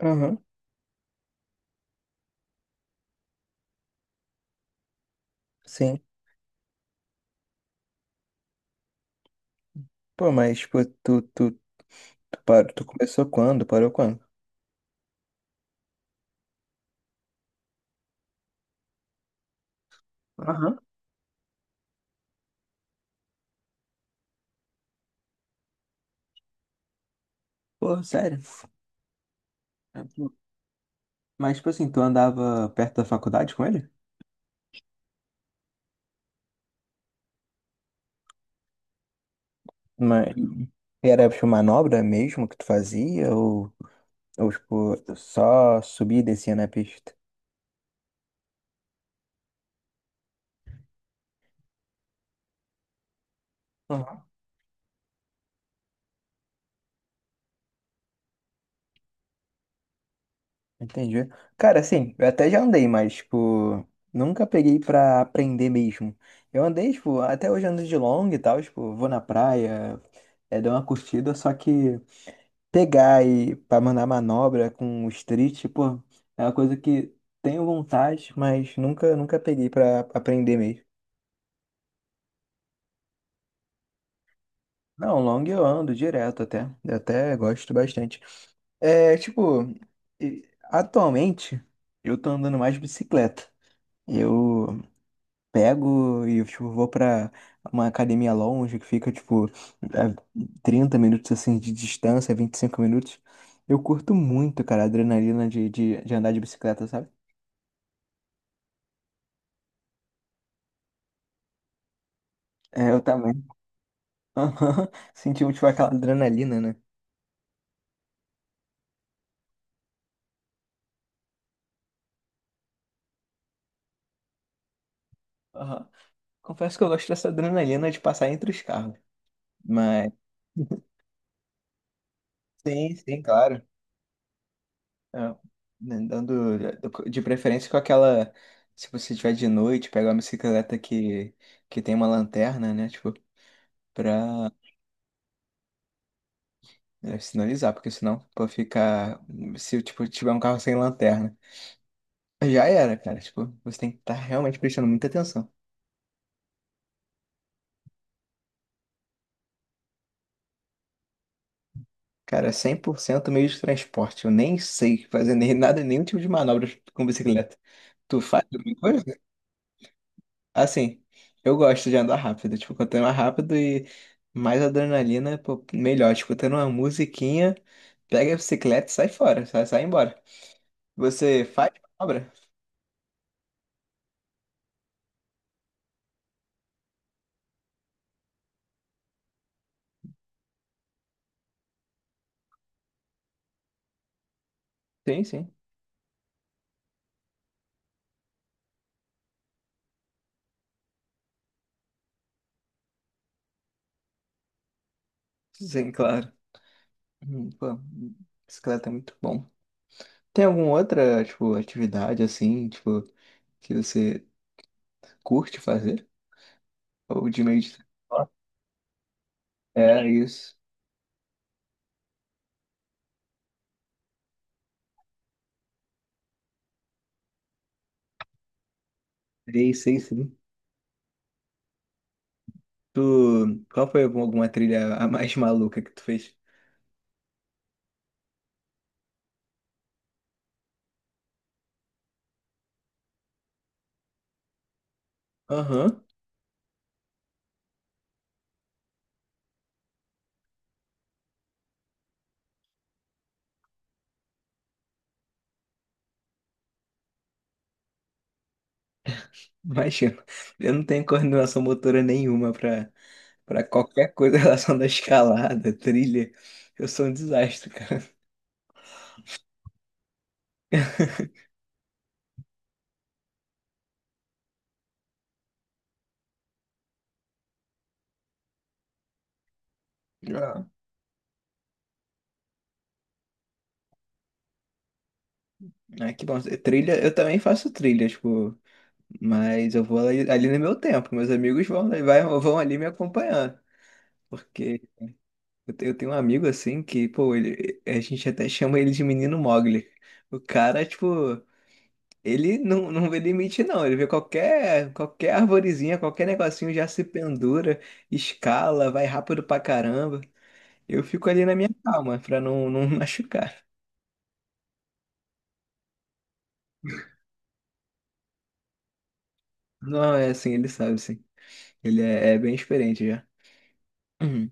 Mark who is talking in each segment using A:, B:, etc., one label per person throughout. A: Aham, sim. Pô, mas, tipo, tu parou, tu começou quando? Parou quando? Aham. Pô, sério. Mas, tipo assim, tu andava perto da faculdade com ele? Mas era, tipo, manobra mesmo que tu fazia? Ou tipo, só subia e descia na pista? Aham. Entendi. Cara, assim, eu até já andei, mas, tipo, nunca peguei pra aprender mesmo. Eu andei, tipo, até hoje ando de longa e tal, tipo, vou na praia, dou uma curtida, só que pegar e para mandar manobra com o street, pô, é uma coisa que tenho vontade, mas nunca peguei para aprender mesmo. Não, long eu ando direto até, eu até gosto bastante. É, tipo, atualmente eu tô andando mais de bicicleta. Eu pego e tipo, vou pra uma academia longe que fica tipo a 30 minutos assim de distância, 25 minutos. Eu curto muito, cara, a adrenalina de andar de bicicleta, sabe? É, eu também. Aham. Sentiu, tipo, aquela adrenalina, né? Aham. Confesso que eu gosto dessa adrenalina de passar entre os carros. Mas, sim, sim, claro. É, né, Dando, de preferência com aquela. Se você tiver de noite, pegar uma bicicleta que tem uma lanterna, né? Tipo, pra sinalizar, porque senão, pô, ficar. Se, tipo, tiver um carro sem lanterna, já era, cara. Tipo, você tem que estar realmente prestando muita atenção. Cara, é 100% meio de transporte. Eu nem sei fazer nem nada, nenhum tipo de manobra com bicicleta. Tu faz alguma coisa? Assim, eu gosto de andar rápido. Tipo, quanto mais rápido e mais adrenalina, pô, melhor. Escutando uma musiquinha, pega a bicicleta e sai fora, sai embora. Você faz manobra? Sim, sim. Sim, claro. Pô, bicicleta é muito bom. Tem alguma outra, tipo, atividade assim, tipo, que você curte fazer? Ou de meio de transporte? É, isso. Sei, sei, sim. Tu, qual foi alguma trilha a mais maluca que tu fez? Aham, imagina. Eu não tenho coordenação motora nenhuma pra qualquer coisa em relação da escalada, trilha. Eu sou um desastre, cara. Ah, ah, que bom. Trilha, eu também faço trilha, tipo, mas eu vou ali no meu tempo. Meus amigos vão, vai, vão ali me acompanhando. Porque eu tenho um amigo assim que, pô, ele, a gente até chama ele de menino Mogli. O cara, tipo, ele não vê limite, não. Ele vê qualquer arvorezinha, qualquer negocinho já se pendura, escala, vai rápido pra caramba. Eu fico ali na minha calma, pra não, não machucar. Não, é assim, ele sabe, sim. Ele é bem experiente já. Uhum.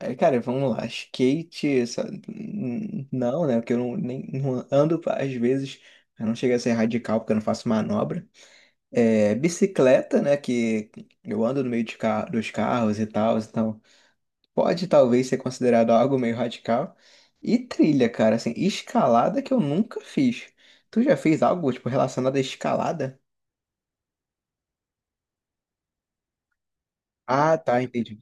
A: É, cara, vamos lá. Skate, sabe? Não, né? Porque eu não, nem, não ando, às vezes, eu não chego a ser radical, porque eu não faço manobra. É, bicicleta, né? Que eu ando no meio dos carros e tal, então. Pode talvez ser considerado algo meio radical. E trilha, cara, assim, escalada que eu nunca fiz. Tu já fez algo, tipo, relacionado à escalada? Ah, tá, entendi.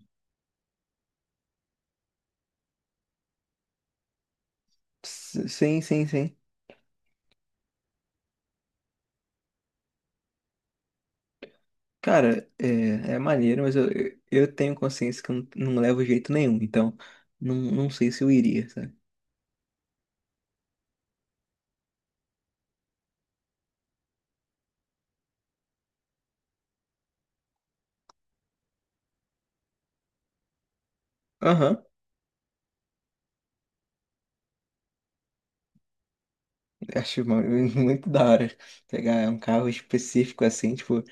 A: Sim, sim, sim. Cara, é maneiro, mas eu tenho consciência que eu não levo jeito nenhum, então não sei se eu iria, sabe? Aham, acho muito da hora pegar um carro específico assim, tipo,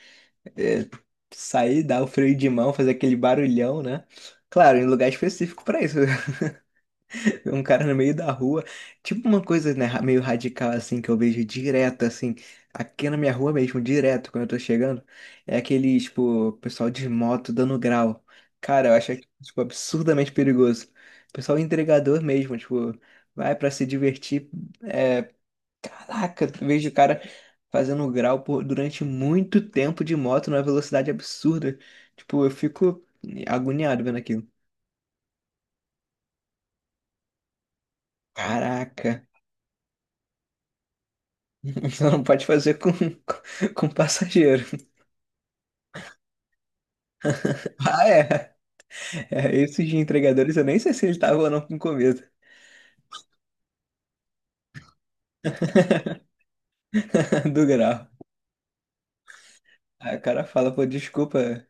A: é, sair, dar o freio de mão, fazer aquele barulhão, né? Claro, em lugar específico pra isso. Um cara no meio da rua. Tipo uma coisa, né, meio radical assim, que eu vejo direto, assim, aqui na minha rua mesmo, direto, quando eu tô chegando, é aquele, tipo, pessoal de moto dando grau. Cara, eu acho, tipo, absurdamente perigoso. Pessoal entregador mesmo, tipo, vai pra se divertir. É, caraca, eu vejo o cara fazendo grau durante muito tempo de moto numa velocidade absurda. Tipo, eu fico agoniado vendo aquilo. Caraca. Então não pode fazer com, com passageiro. Ah, é. É, esses de entregadores, eu nem sei se ele tava ou não com comida do grau. Aí o cara fala, pô, desculpa,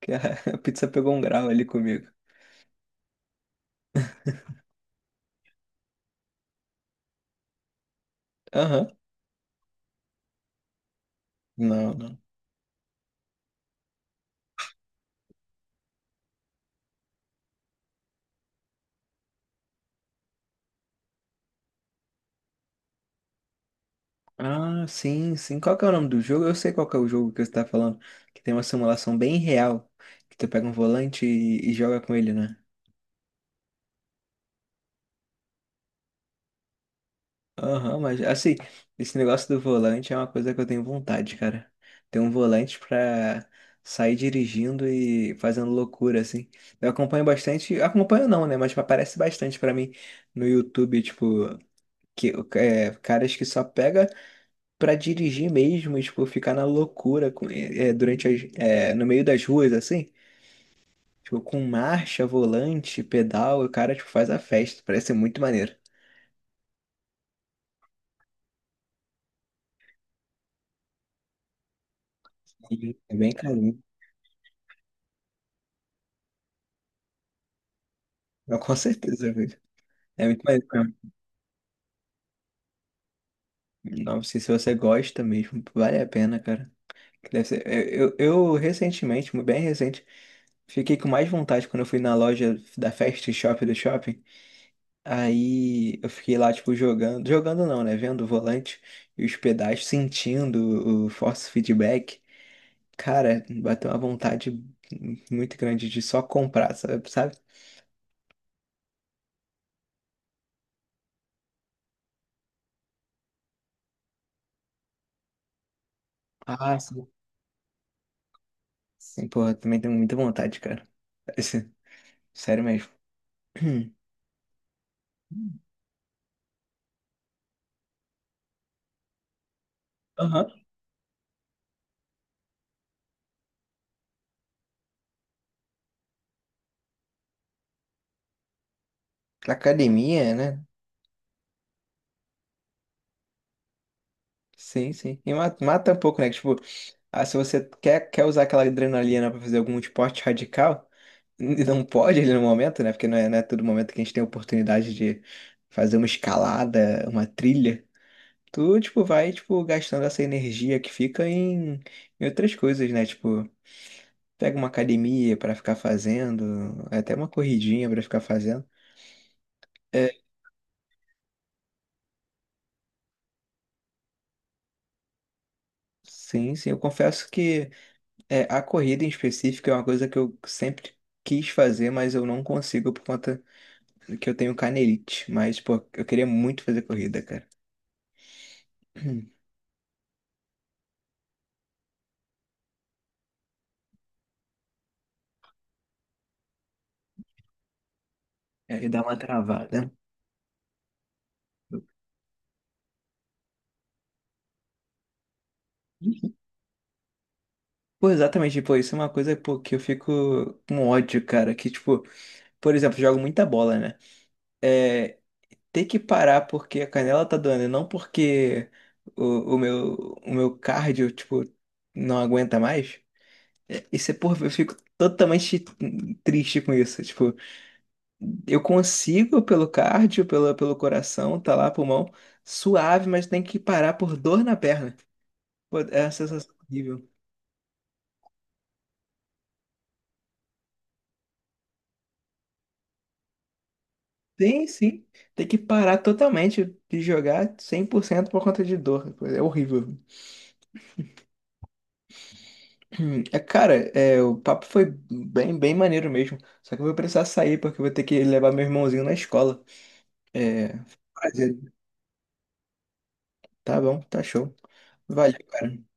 A: que a a pizza pegou um grau ali comigo. Aham. Não, não. Ah, sim, sim. Qual que é o nome do jogo? Eu sei qual que é o jogo que você tá falando. Que tem uma simulação bem real. Que tu pega um volante e joga com ele, né? Aham, mas assim, esse negócio do volante é uma coisa que eu tenho vontade, cara. Ter um volante pra sair dirigindo e fazendo loucura, assim. Eu acompanho bastante, acompanho não, né? Mas aparece bastante pra mim no YouTube, tipo, que, caras que só pega pra dirigir mesmo, e, tipo, ficar na loucura durante as, no meio das ruas, assim. Tipo, com marcha, volante, pedal, o cara, tipo, faz a festa. Parece ser muito maneiro. É bem carinho. Com certeza, é muito mais. Não sei se você gosta mesmo, vale a pena, cara. Eu recentemente, bem recente, fiquei com mais vontade quando eu fui na loja da Fast Shop do shopping. Aí eu fiquei lá, tipo, jogando. Jogando não, né? Vendo o volante e os pedais, sentindo o force feedback. Cara, bateu uma vontade muito grande de só comprar, sabe? Sabe? Ah, sim. Sim, porra, também tenho muita vontade, cara. Esse- Sério mesmo. Aham. Academia, né? Sim, sim. E mata, mata um pouco, né? Tipo, ah, se você quer, usar aquela adrenalina pra fazer algum esporte radical, não pode ali no momento, né? Porque não é todo momento que a gente tem a oportunidade de fazer uma escalada, uma trilha. Tu, tipo, vai, tipo, gastando essa energia que fica em outras coisas, né? Tipo, pega uma academia pra ficar fazendo, até uma corridinha pra ficar fazendo. É, sim, sim. Eu confesso que. É, a corrida em específico é uma coisa que eu sempre quis fazer, mas eu não consigo por conta que eu tenho canelite. Mas, pô, eu queria muito fazer corrida, cara. É, e dá uma travada. Pô, exatamente, pô, isso é uma coisa, pô, que eu fico com ódio, cara. Que, tipo, por exemplo, jogo muita bola, né? É, ter que parar porque a canela tá doendo, não porque o, o meu, o meu cardio, tipo, não aguenta mais. É, isso é, porra, eu fico totalmente triste com isso. Tipo, eu consigo pelo cardio, pelo coração, tá lá, pulmão, suave, mas tem que parar por dor na perna. Pô, é uma sensação horrível. Sim, sim. Tem que parar totalmente de jogar 100% por cento por conta de dor. É horrível. É, cara, o papo foi bem, bem maneiro mesmo. Só que eu vou precisar sair porque eu vou ter que levar meu irmãozinho na escola. É, prazer. Tá bom, tá show. Valeu, cara.